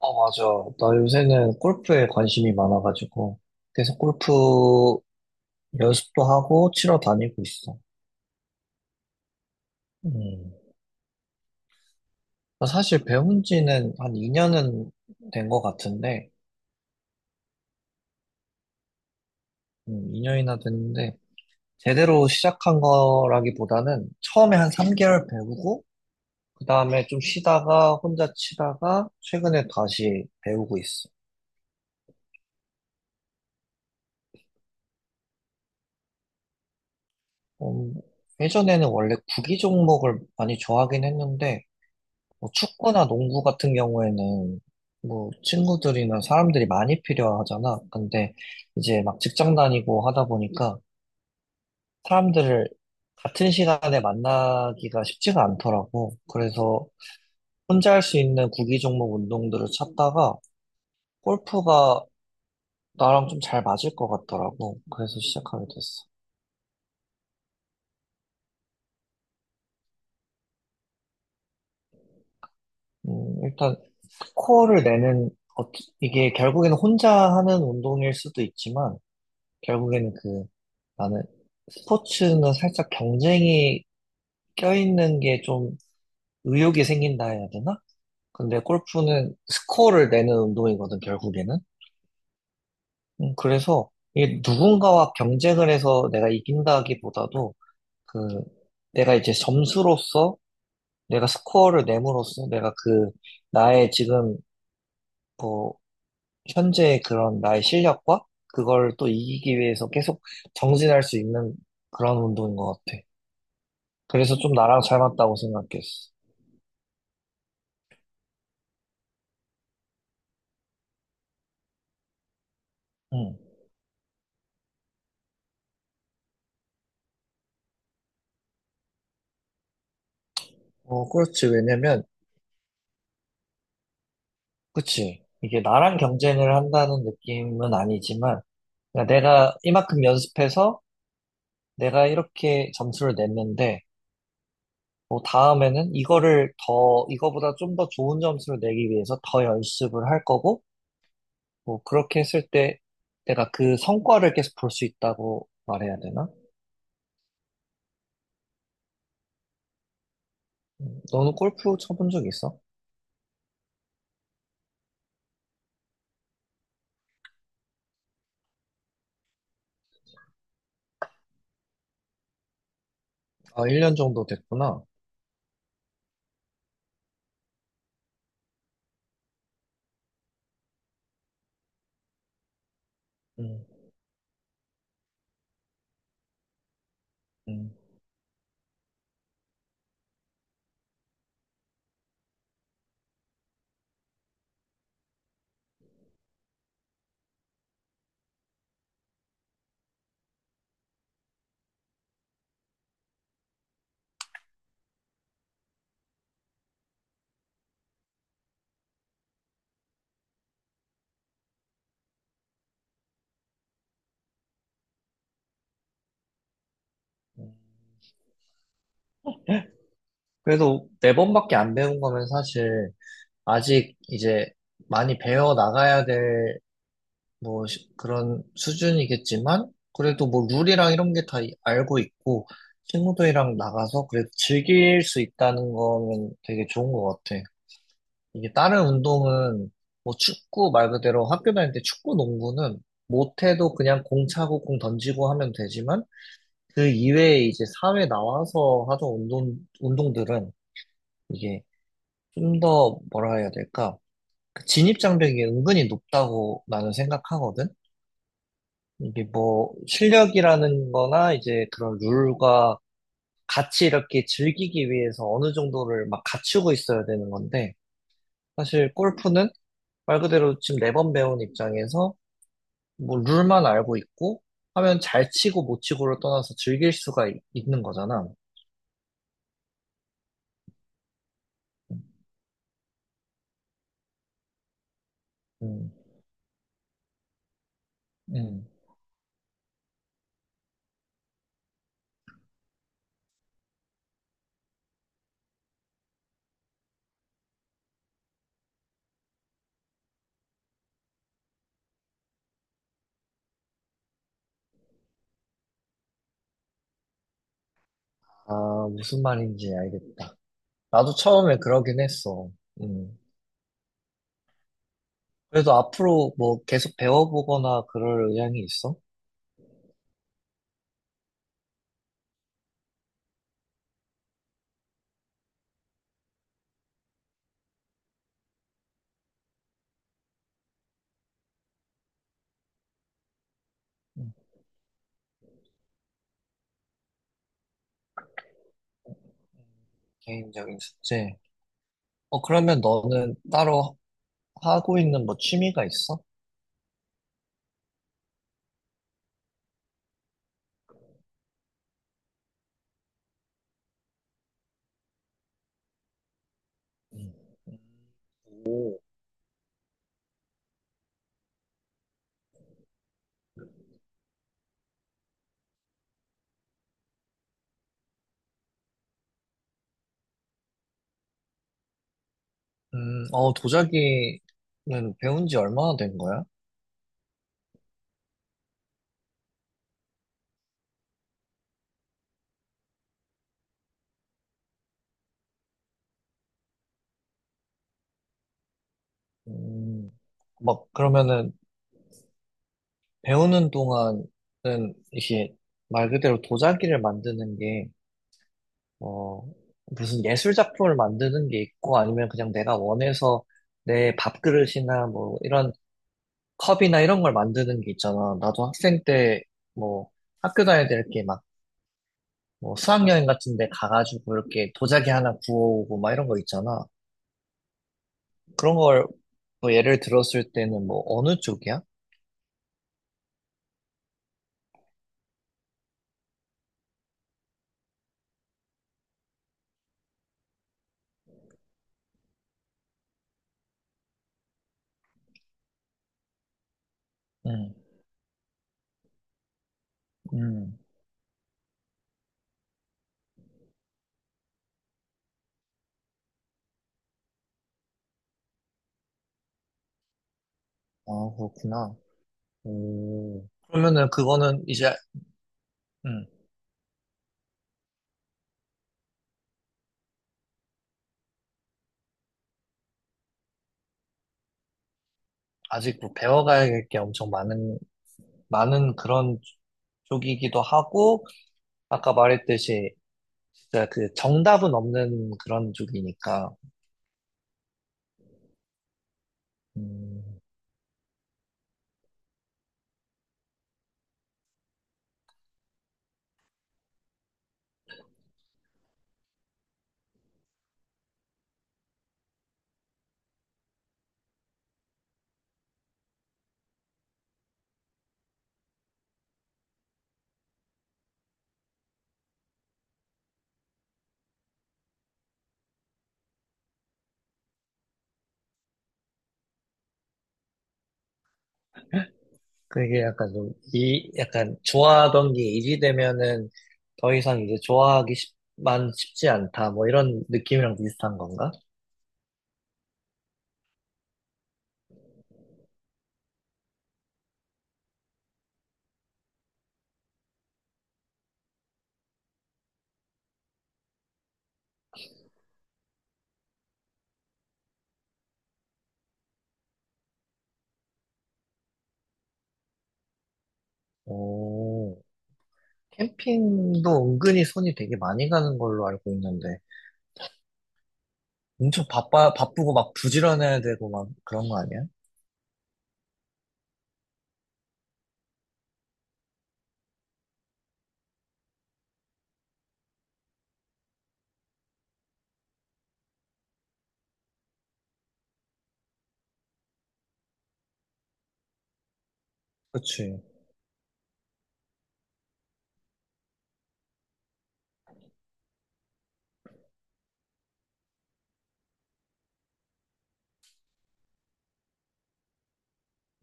아, 맞아. 나 요새는 골프에 관심이 많아가지고 계속 골프 연습도 하고 치러 다니고 있어. 음. 나 사실 배운 지는 한 2년은 된 것 같은데, 2년이나 됐는데, 제대로 시작한 거라기보다는 처음에 한 3개월 배우고, 그 다음에 좀 쉬다가 혼자 치다가 최근에 다시 배우고 있어. 음, 예전에는 원래 구기 종목을 많이 좋아하긴 했는데, 뭐 축구나 농구 같은 경우에는 뭐 친구들이나 사람들이 많이 필요하잖아. 근데 이제 막 직장 다니고 하다 보니까 사람들을 같은 시간에 만나기가 쉽지가 않더라고. 그래서 혼자 할 수 있는 구기 종목 운동들을 찾다가 골프가 나랑 좀 잘 맞을 것 같더라고. 그래서 시작하게 됐어. 일단 코어를 내는 어, 이게 결국에는 혼자 하는 운동일 수도 있지만 결국에는 그 나는 스포츠는 살짝 경쟁이 껴있는 게 좀 의욕이 생긴다 해야 되나? 근데 골프는 스코어를 내는 운동이거든, 결국에는. 그래서 이게 누군가와 경쟁을 해서 내가 이긴다기보다도 그 내가 이제 점수로서 내가 스코어를 내므로써 내가 그 나의 지금 뭐 현재 의 그런 나의 실력과 그걸 또 이기기 위해서 계속 정진할 수 있는 그런 운동인 것 같아. 그래서 좀 나랑 잘 맞다고 생각했어. 응. 어, 그렇지. 왜냐면, 그치. 이게 나랑 경쟁을 한다는 느낌은 아니지만, 그 내가 이만큼 연습해서 내가 이렇게 점수를 냈는데, 뭐 다음에는 이거를 더, 이거보다 좀 더 좋은 점수를 내기 위해서 더 연습을 할 거고, 뭐 그렇게 했을 때 내가 그 성과를 계속 볼 수 있다고 말해야 되나? 너는 골프 쳐본 적 있어? 아, 1년 정도 됐구나. 음, 음, 음. 그래도 네 번밖에 안 배운 거면 사실 아직 이제 많이 배워 나가야 될 뭐 그런 수준이겠지만 그래도 뭐 룰이랑 이런 게 다 알고 있고 친구들이랑 나가서 그래도 즐길 수 있다는 거는 되게 좋은 것 같아. 이게 다른 운동은 뭐 축구 말 그대로 학교 다닐 때 축구 농구는 못해도 그냥 공 차고 공 던지고 하면 되지만 그 이외에 이제 사회 나와서 하던 운동들은 이게 좀 더 뭐라 해야 될까? 그 진입 장벽이 은근히 높다고 나는 생각하거든. 이게 뭐 실력이라는 거나 이제 그런 룰과 같이 이렇게 즐기기 위해서 어느 정도를 막 갖추고 있어야 되는 건데 사실 골프는 말 그대로 지금 매번 배운 입장에서 뭐 룰만 알고 있고 하면 잘 치고 못 치고를 떠나서 즐길 수가 있는 거잖아. 음, 음. 아, 무슨 말인지 알겠다. 나도 처음에 그러긴 했어. 음. 그래서 앞으로 뭐 계속 배워보거나 그럴 의향이 있어? 음, 개인적인 숙제. 어, 그러면 너는 따로 하고 있는 뭐 취미가 있어? 오, 도자기는 배운 지 얼마나 된 거야? 음, 막, 그러면은, 배우는 동안은, 이게, 말 그대로 도자기를 만드는 게, 어, 무슨 예술 작품을 만드는 게 있고, 아니면 그냥 내가 원해서 내 밥그릇이나 뭐, 이런 컵이나 이런 걸 만드는 게 있잖아. 나도 학생 때, 뭐, 학교 다닐 때 이렇게 막, 뭐, 수학여행 같은 데 가가지고 이렇게 도자기 하나 구워오고 막 이런 거 있잖아. 그런 걸, 뭐, 예를 들었을 때는 뭐, 어느 쪽이야? 응, 응, 아, 그렇구나. 오. 그러면은 그거는 이제, 음, 아직 뭐, 배워가야 할 게 엄청 많은 그런 쪽이기도 하고, 아까 말했듯이, 진짜 그 정답은 없는 그런 쪽이니까. 음. 그게 약간 좀, 이, 약간 좋아하던 게 이지되면은 더 이상 이제 좋아하기 쉽, 만 쉽지 않다. 뭐 이런 느낌이랑 비슷한 건가? 오, 캠핑도 은근히 손이 되게 많이 가는 걸로 알고 있는데. 엄청 바쁘고 막 부지런해야 되고 막 그런 거 아니야? 그치.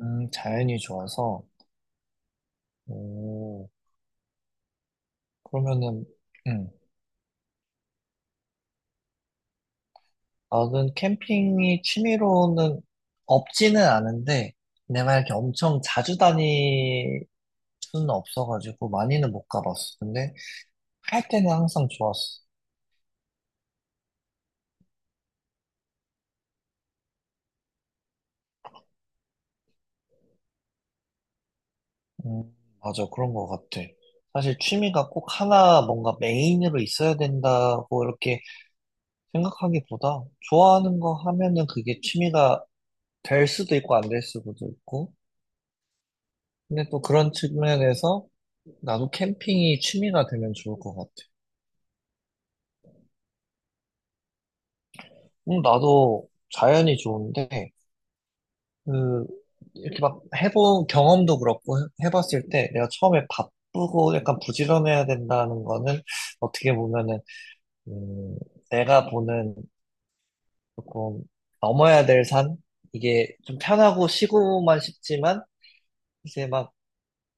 자연이 좋아서. 오, 그러면은, 음. 나는 캠핑이 취미로는 없지는 않은데, 내가 이렇게 엄청 자주 다닐 수는 없어가지고, 많이는 못 가봤어. 근데, 할 때는 항상 좋았어. 음, 맞아. 그런 것 같아. 사실 취미가 꼭 하나 뭔가 메인으로 있어야 된다고 이렇게 생각하기보다, 좋아하는 거 하면은 그게 취미가 될 수도 있고, 안 될 수도 있고. 근데 또 그런 측면에서, 나도 캠핑이 취미가 되면 좋을 것 같아. 나도 자연이 좋은데, 그, 이렇게 막 해본 경험도 그렇고, 해봤을 때 내가 처음에 바쁘고 약간 부지런해야 된다는 거는 어떻게 보면은, 음, 내가 보는 조금 넘어야 될 산? 이게 좀 편하고 쉬고만 싶지만, 이제 막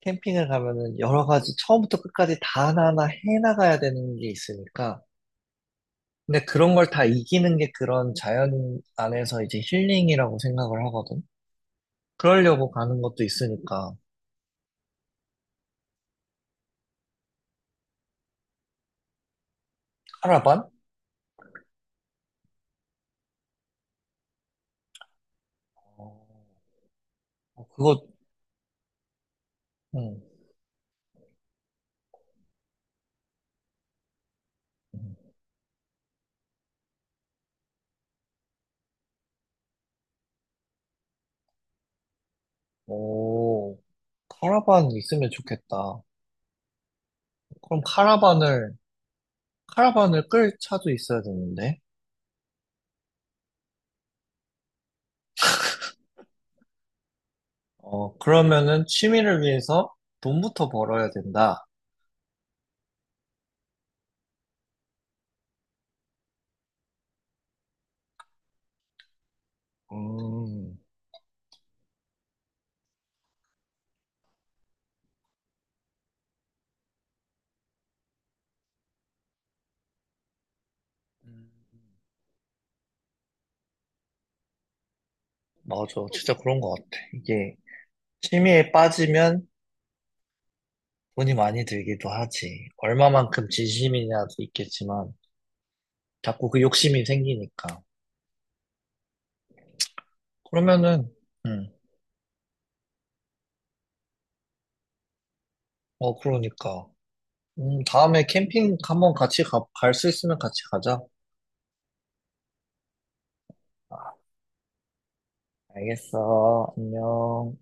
캠핑을 가면은 여러 가지 처음부터 끝까지 다 하나하나 해나가야 되는 게 있으니까. 근데 그런 걸 다 이기는 게 그런 자연 안에서 이제 힐링이라고 생각을 하거든. 그러려고 가는 것도 있으니까. 카라반? 어, 그거, 응. 오, 카라반 있으면 좋겠다. 그럼 카라반을 끌 차도 있어야 되는데. 어, 그러면은 취미를 위해서 돈부터 벌어야 된다. 음, 맞아. 진짜 그런 것 같아. 이게 취미에 빠지면 돈이 많이 들기도 하지. 얼마만큼 진심이냐도 있겠지만, 자꾸 그 욕심이 생기니까. 그러면은, 응. 어, 그러니까. 다음에 캠핑 한번 같이 갈 수 있으면 같이 가자. 알겠어. 안녕.